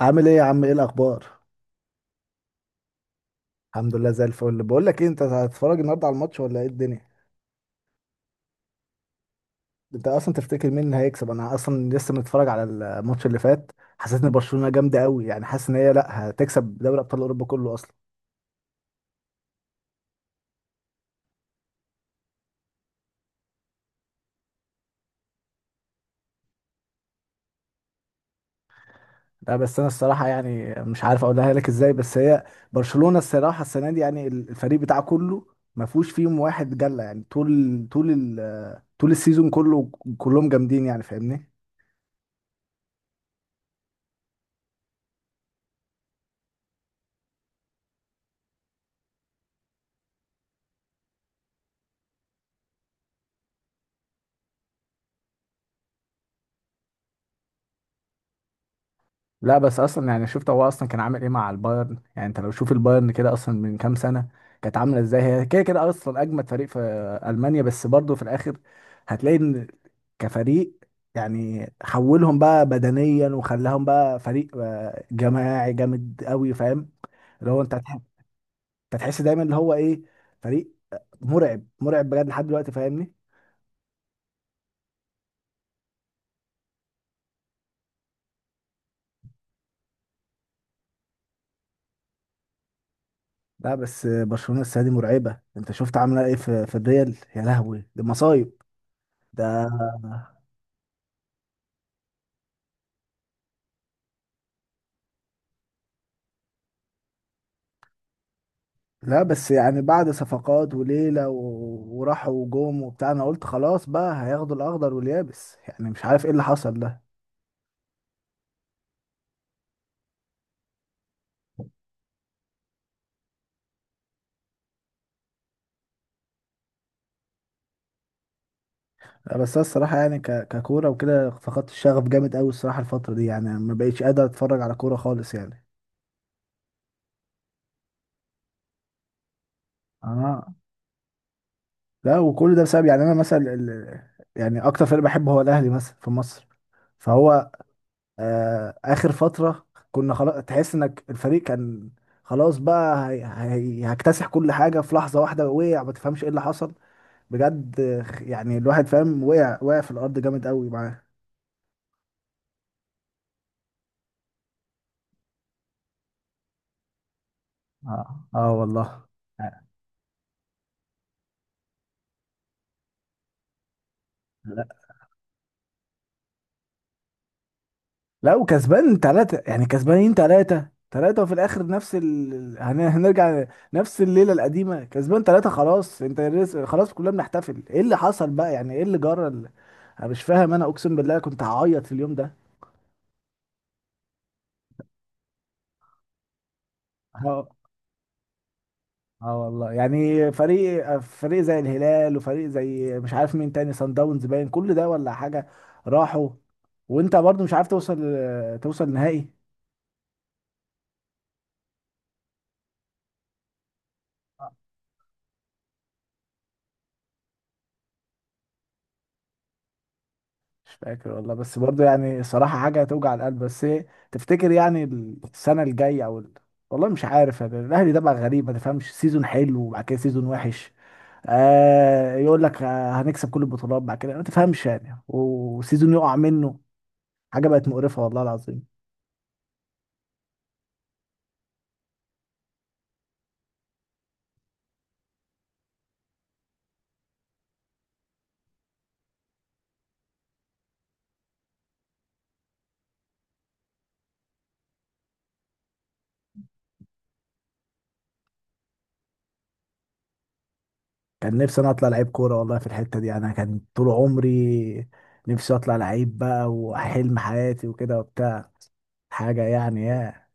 عامل ايه يا عم؟ ايه الاخبار؟ الحمد لله زي الفل. بقول لك ايه، انت هتتفرج النهارده على الماتش ولا ايه الدنيا؟ انت اصلا تفتكر مين اللي هيكسب؟ انا اصلا لسه متفرج على الماتش اللي فات. حسيت ان برشلونة جامده قوي، يعني حاسس ان هي لا هتكسب دوري ابطال اوروبا كله اصلا. لا بس انا الصراحه يعني مش عارف اقولها لك ازاي، بس هي برشلونة الصراحه السنه دي يعني الفريق بتاعه كله ما فيهوش فيهم واحد جله، يعني طول السيزون كله كلهم جامدين، يعني فاهمني. لا بس اصلا يعني شفت هو اصلا كان عامل ايه مع البايرن؟ يعني انت لو شوف البايرن كده اصلا من كام سنه كانت عامله ازاي، هي كده كده اصلا اجمد فريق في المانيا، بس برضه في الاخر هتلاقي ان كفريق يعني حولهم بقى بدنيا وخلاهم بقى فريق جماعي جامد قوي، فاهم؟ اللي هو انت هتحس دايما اللي هو ايه، فريق مرعب بجد لحد دلوقتي، فاهمني. لا بس برشلونه السنه دي مرعبه، انت شفت عامله ايه في الريال؟ يا لهوي دي مصايب ده. لا بس يعني بعد صفقات وليلة وراحوا وجوم وبتاع، انا قلت خلاص بقى هياخدوا الاخضر واليابس، يعني مش عارف ايه اللي حصل ده. لا بس أنا الصراحة يعني ك... ككورة وكده فقدت الشغف جامد قوي الصراحة الفترة دي، يعني ما بقيتش قادر اتفرج على كورة خالص يعني. اه. لا وكل ده بسبب، يعني انا مثلا ال...، يعني اكتر فريق بحبه هو الاهلي مثلا في مصر، فهو آه اخر فترة كنا خلاص، تحس انك الفريق كان خلاص بقى هيكتسح كل حاجة في لحظة واحدة، وقع ما تفهمش ايه اللي حصل بجد. يعني الواحد فاهم، وقع في الارض جامد قوي معاه. اه اه والله. لا لا وكسبان تلاتة، يعني كسبانين تلاتة تلاتة، وفي الآخر نفس هنرجع نفس الليلة القديمة، كسبان تلاتة خلاص انت خلاص كلنا بنحتفل، ايه اللي حصل بقى؟ يعني ايه اللي جرى انا مش فاهم، انا اقسم بالله كنت هعيط في اليوم ده. اه والله يعني فريق زي الهلال وفريق زي مش عارف مين تاني، صن داونز، باين كل ده ولا حاجة، راحوا، وانت برضو مش عارف توصل توصل نهائي. مش فاكر والله، بس برضو يعني صراحة حاجة توجع القلب. بس ايه تفتكر يعني السنة الجاية او والله مش عارف، يعني الاهلي ده بقى غريب، ما تفهمش سيزون حلو وبعد كده سيزون وحش. آه يقول لك آه هنكسب كل البطولات، بعد كده ما تفهمش يعني، وسيزون يقع منه، حاجة بقت مقرفة والله العظيم. كان نفسي انا اطلع لعيب كوره والله في الحته دي، انا كان طول عمري نفسي اطلع لعيب بقى، وحلم حياتي وكده وبتاع حاجه يعني، يا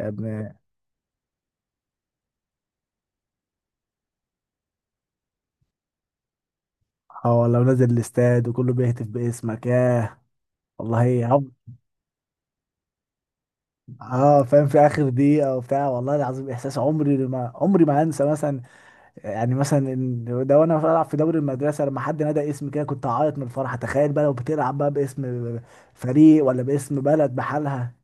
يا ابني. اه والله، ونازل الاستاد وكله بيهتف باسمك، ياه والله اه فاهم، في اخر دقيقه وبتاع، والله العظيم احساس عمري ما انسى مثلا، يعني مثلا إن ده وانا بلعب في دوري المدرسه لما حد نادى اسمي كده كنت هعيط من الفرحه، تخيل بقى لو بتلعب بقى باسم فريق ولا باسم بلد بحالها.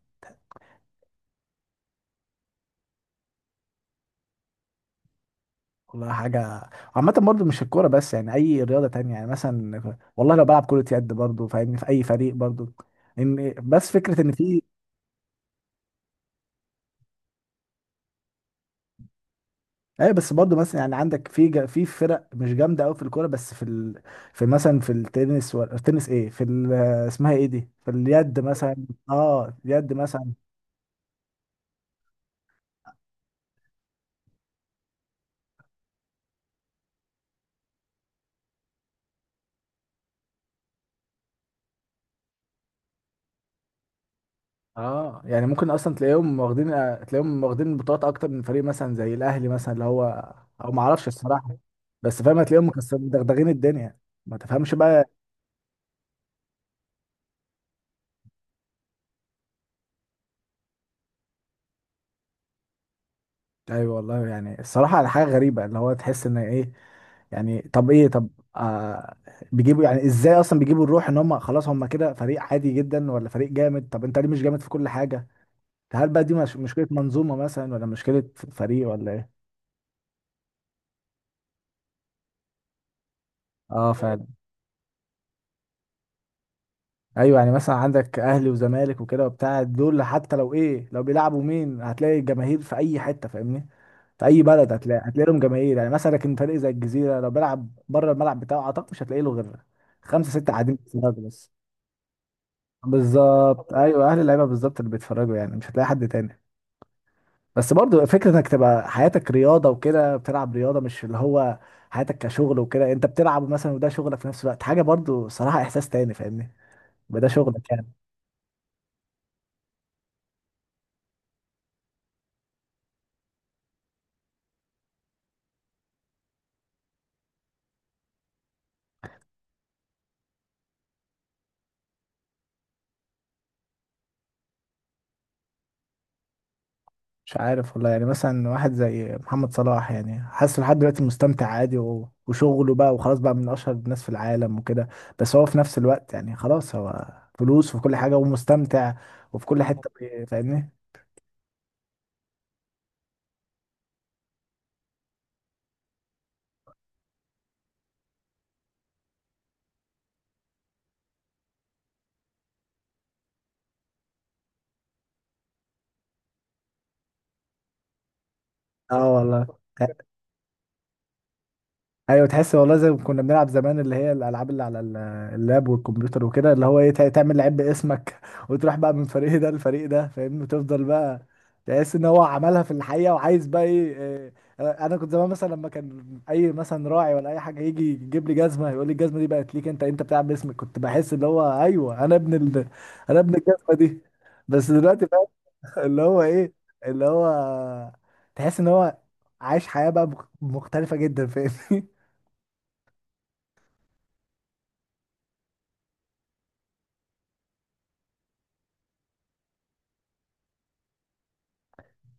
والله حاجة. عامة برضو مش الكورة بس، يعني أي رياضة تانية، يعني مثلا والله لو بلعب كرة يد برضو فاهمني في أي فريق برضو إن، بس فكرة إن في، أي بس برضو مثلا يعني عندك في فرق مش جامدة أوي في الكورة، بس في ال...، في مثلا في التنس و... التنس إيه، في ال... اسمها إيه دي، في اليد مثلا. أه اليد مثلا. اه يعني ممكن اصلا تلاقيهم واخدين بطولات اكتر من فريق مثلا زي الاهلي، مثلا اللي هو او ما اعرفش الصراحه، بس فاهم هتلاقيهم مكسبين مدغدغين الدنيا، ما تفهمش بقى. ايوه والله، يعني الصراحه على حاجه غريبه اللي هو تحس ان ايه، يعني طب ايه طب آه، بيجيبوا يعني ازاي اصلا بيجيبوا الروح، ان هم خلاص هم كده فريق عادي جدا ولا فريق جامد؟ طب انت ليه مش جامد في كل حاجه؟ هل بقى دي مش مشكله منظومه مثلا ولا مشكله فريق، ولا ايه؟ اه فعلا. ايوه يعني مثلا عندك اهلي وزمالك وكده وبتاع، دول حتى لو ايه لو بيلعبوا مين هتلاقي الجماهير في اي حته، فاهمني، في اي بلد هتلاقي لهم جماهير، يعني مثلا. لكن فريق زي الجزيره لو بيلعب بره الملعب بتاعه، اعتقد مش هتلاقي له غير خمسه سته قاعدين بيتفرجوا بس. بالظبط ايوه اهل اللعيبه بالظبط اللي بيتفرجوا، يعني مش هتلاقي حد تاني. بس برضو فكره انك تبقى حياتك رياضه وكده بتلعب رياضه، مش اللي هو حياتك كشغل وكده، انت بتلعب مثلا وده شغلك في نفس الوقت، حاجه برضو صراحه احساس تاني فاهمني، يبقى ده شغلك يعني. مش عارف والله، يعني مثلا واحد زي محمد صلاح، يعني حاسس لحد دلوقتي مستمتع عادي وشغله بقى وخلاص بقى من اشهر الناس في العالم وكده، بس هو في نفس الوقت يعني خلاص هو فلوس وفي كل حاجة ومستمتع وفي كل حتة فاهمني. اه والله. ايوه تحس والله زي ما كنا بنلعب زمان، اللي هي الالعاب اللي على اللاب والكمبيوتر وكده، اللي هو ايه تعمل لعيب باسمك وتروح بقى من فريق ده لفريق ده فاهمني، وتفضل بقى تحس ان هو عملها في الحقيقه، وعايز بقى ايه. إيه، انا كنت زمان مثلا لما كان اي مثلا راعي ولا اي حاجه يجي يجيب لي جزمه يقول لي الجزمه دي بقت ليك، انت انت بتلعب باسمك، كنت بحس اللي هو ايوه انا ابن ال... انا ابن الجزمه دي، بس دلوقتي بقى اللي هو ايه اللي هو تحس ان هو عايش حياه بقى مختلفه جدا فاهمني.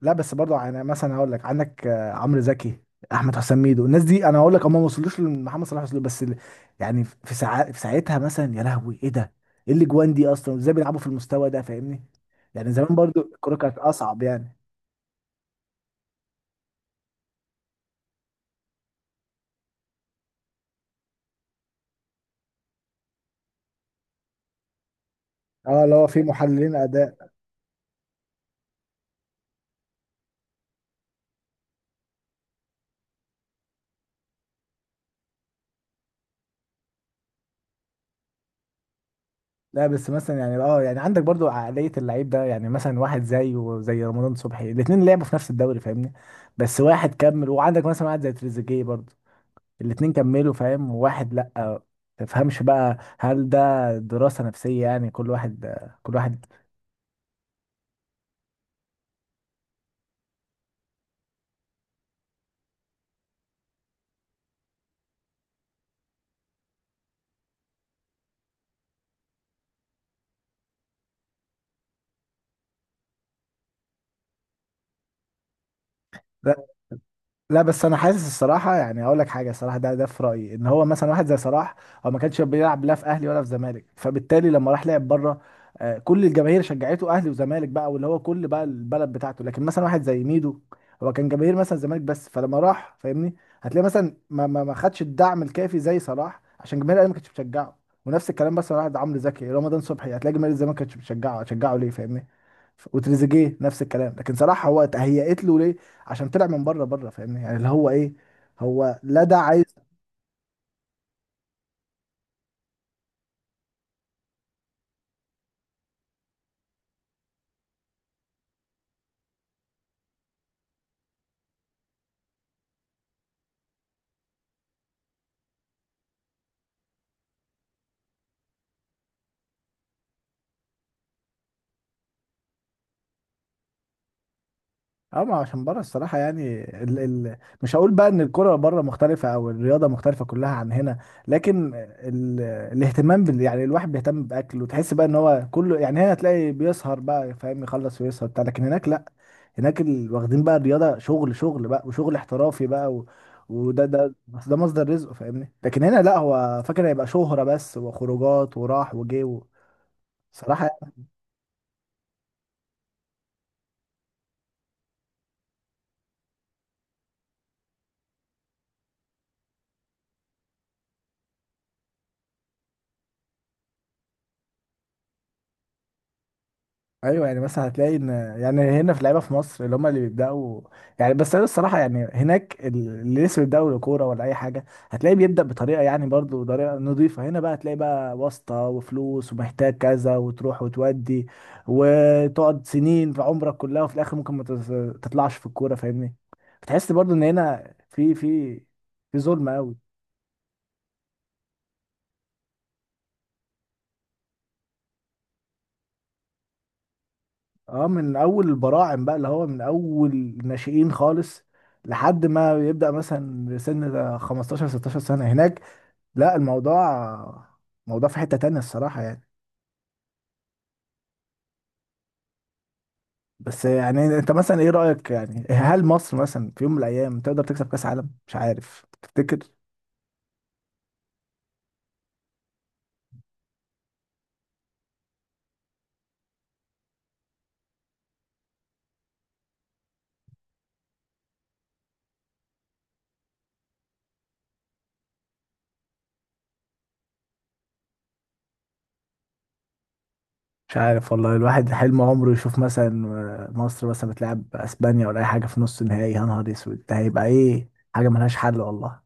لا بس برضه يعني مثلا هقول لك عندك عمرو زكي، احمد حسام ميدو، الناس دي انا هقول لك هم ما وصلوش لمحمد صلاح، وصلوا بس يعني في ساعات، في ساعتها مثلا يا لهوي ايه ده، ايه الاجوان دي اصلا ازاي بيلعبوا في المستوى ده فاهمني؟ يعني زمان برضه الكوره كانت اصعب يعني. اه اللي هو في محللين اداء. لا بس مثلا يعني اه، يعني عندك برضه عقليه اللعيب ده، يعني مثلا واحد زي رمضان صبحي، الاثنين لعبوا في نفس الدوري فاهمني، بس واحد كمل، وعندك مثلا واحد زي تريزيجيه برضه، الاتنين كملوا فاهم، وواحد لأ، تفهمش بقى، هل ده دراسة نفسية يعني كل واحد. لا بس انا حاسس الصراحه، يعني هقول لك حاجه الصراحه ده في رايي ان هو مثلا واحد زي صلاح، هو ما كانش بيلعب لا في اهلي ولا في زمالك، فبالتالي لما راح لعب بره كل الجماهير شجعته، اهلي وزمالك بقى، واللي هو كل بقى البلد بتاعته. لكن مثلا واحد زي ميدو، هو كان جماهير مثلا زمالك بس، فلما راح فاهمني هتلاقي مثلا ما خدش الدعم الكافي زي صلاح، عشان جماهير الاهلي ما كانتش بتشجعه. ونفس الكلام مثلا واحد عمرو زكي رمضان صبحي، هتلاقي جماهير الزمالك ما كانتش بتشجعه، هتشجعه ليه فاهمني؟ وتريزيجيه نفس الكلام، لكن صلاح هو تهيأت له ليه، عشان طلع من بره فاهمني، يعني اللي هو ايه هو، لا ده عايز. اه ما عشان بره الصراحه يعني ال... ال... مش هقول بقى ان الكره بره مختلفه، او الرياضه مختلفه كلها عن هنا، لكن ال... الاهتمام بال... يعني الواحد بيهتم باكله، تحس بقى ان هو كله يعني هنا تلاقي بيسهر بقى فاهم، يخلص ويسهر بتاع، لكن هناك لا، هناك ال... واخدين بقى الرياضه شغل، شغل بقى وشغل احترافي بقى و... وده بس ده مصدر رزقه فاهمني، لكن هنا لا هو فاكر هيبقى شهره بس وخروجات وراح وجه و... صراحة. ايوه يعني مثلا هتلاقي ان يعني هنا في لعيبه في مصر اللي هم اللي بيبداوا، يعني بس انا الصراحه يعني هناك اللي لسه بيبداوا كوره ولا اي حاجه هتلاقيه بيبدا بطريقه، يعني برضو طريقه نظيفه. هنا بقى هتلاقي بقى واسطه وفلوس ومحتاج كذا، وتروح وتودي، وتقعد سنين في عمرك كلها، وفي الاخر ممكن ما تز- تطلعش في الكوره فاهمني، بتحس برضو ان هنا في في ظلم قوي. اه من اول البراعم بقى، اللي هو من اول الناشئين خالص لحد ما يبدأ مثلا سن ده 15 16 سنة. هناك لا الموضوع، موضوع في حتة تانية الصراحة يعني. بس يعني انت مثلا ايه رأيك، يعني هل مصر مثلا في يوم من الايام تقدر تكسب كأس عالم؟ مش عارف تفتكر. مش عارف والله، الواحد حلم عمره يشوف مثلا مصر مثلا بتلعب اسبانيا ولا اي حاجة في نص النهائي، يا نهار اسود ده هيبقى ايه، حاجة ملهاش حل والله.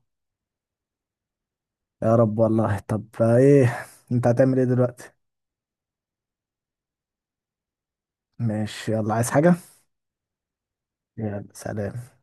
يا رب والله. طب ايه، انت هتعمل ايه دلوقتي؟ ماشي، يلا عايز حاجة؟ يلا سلام.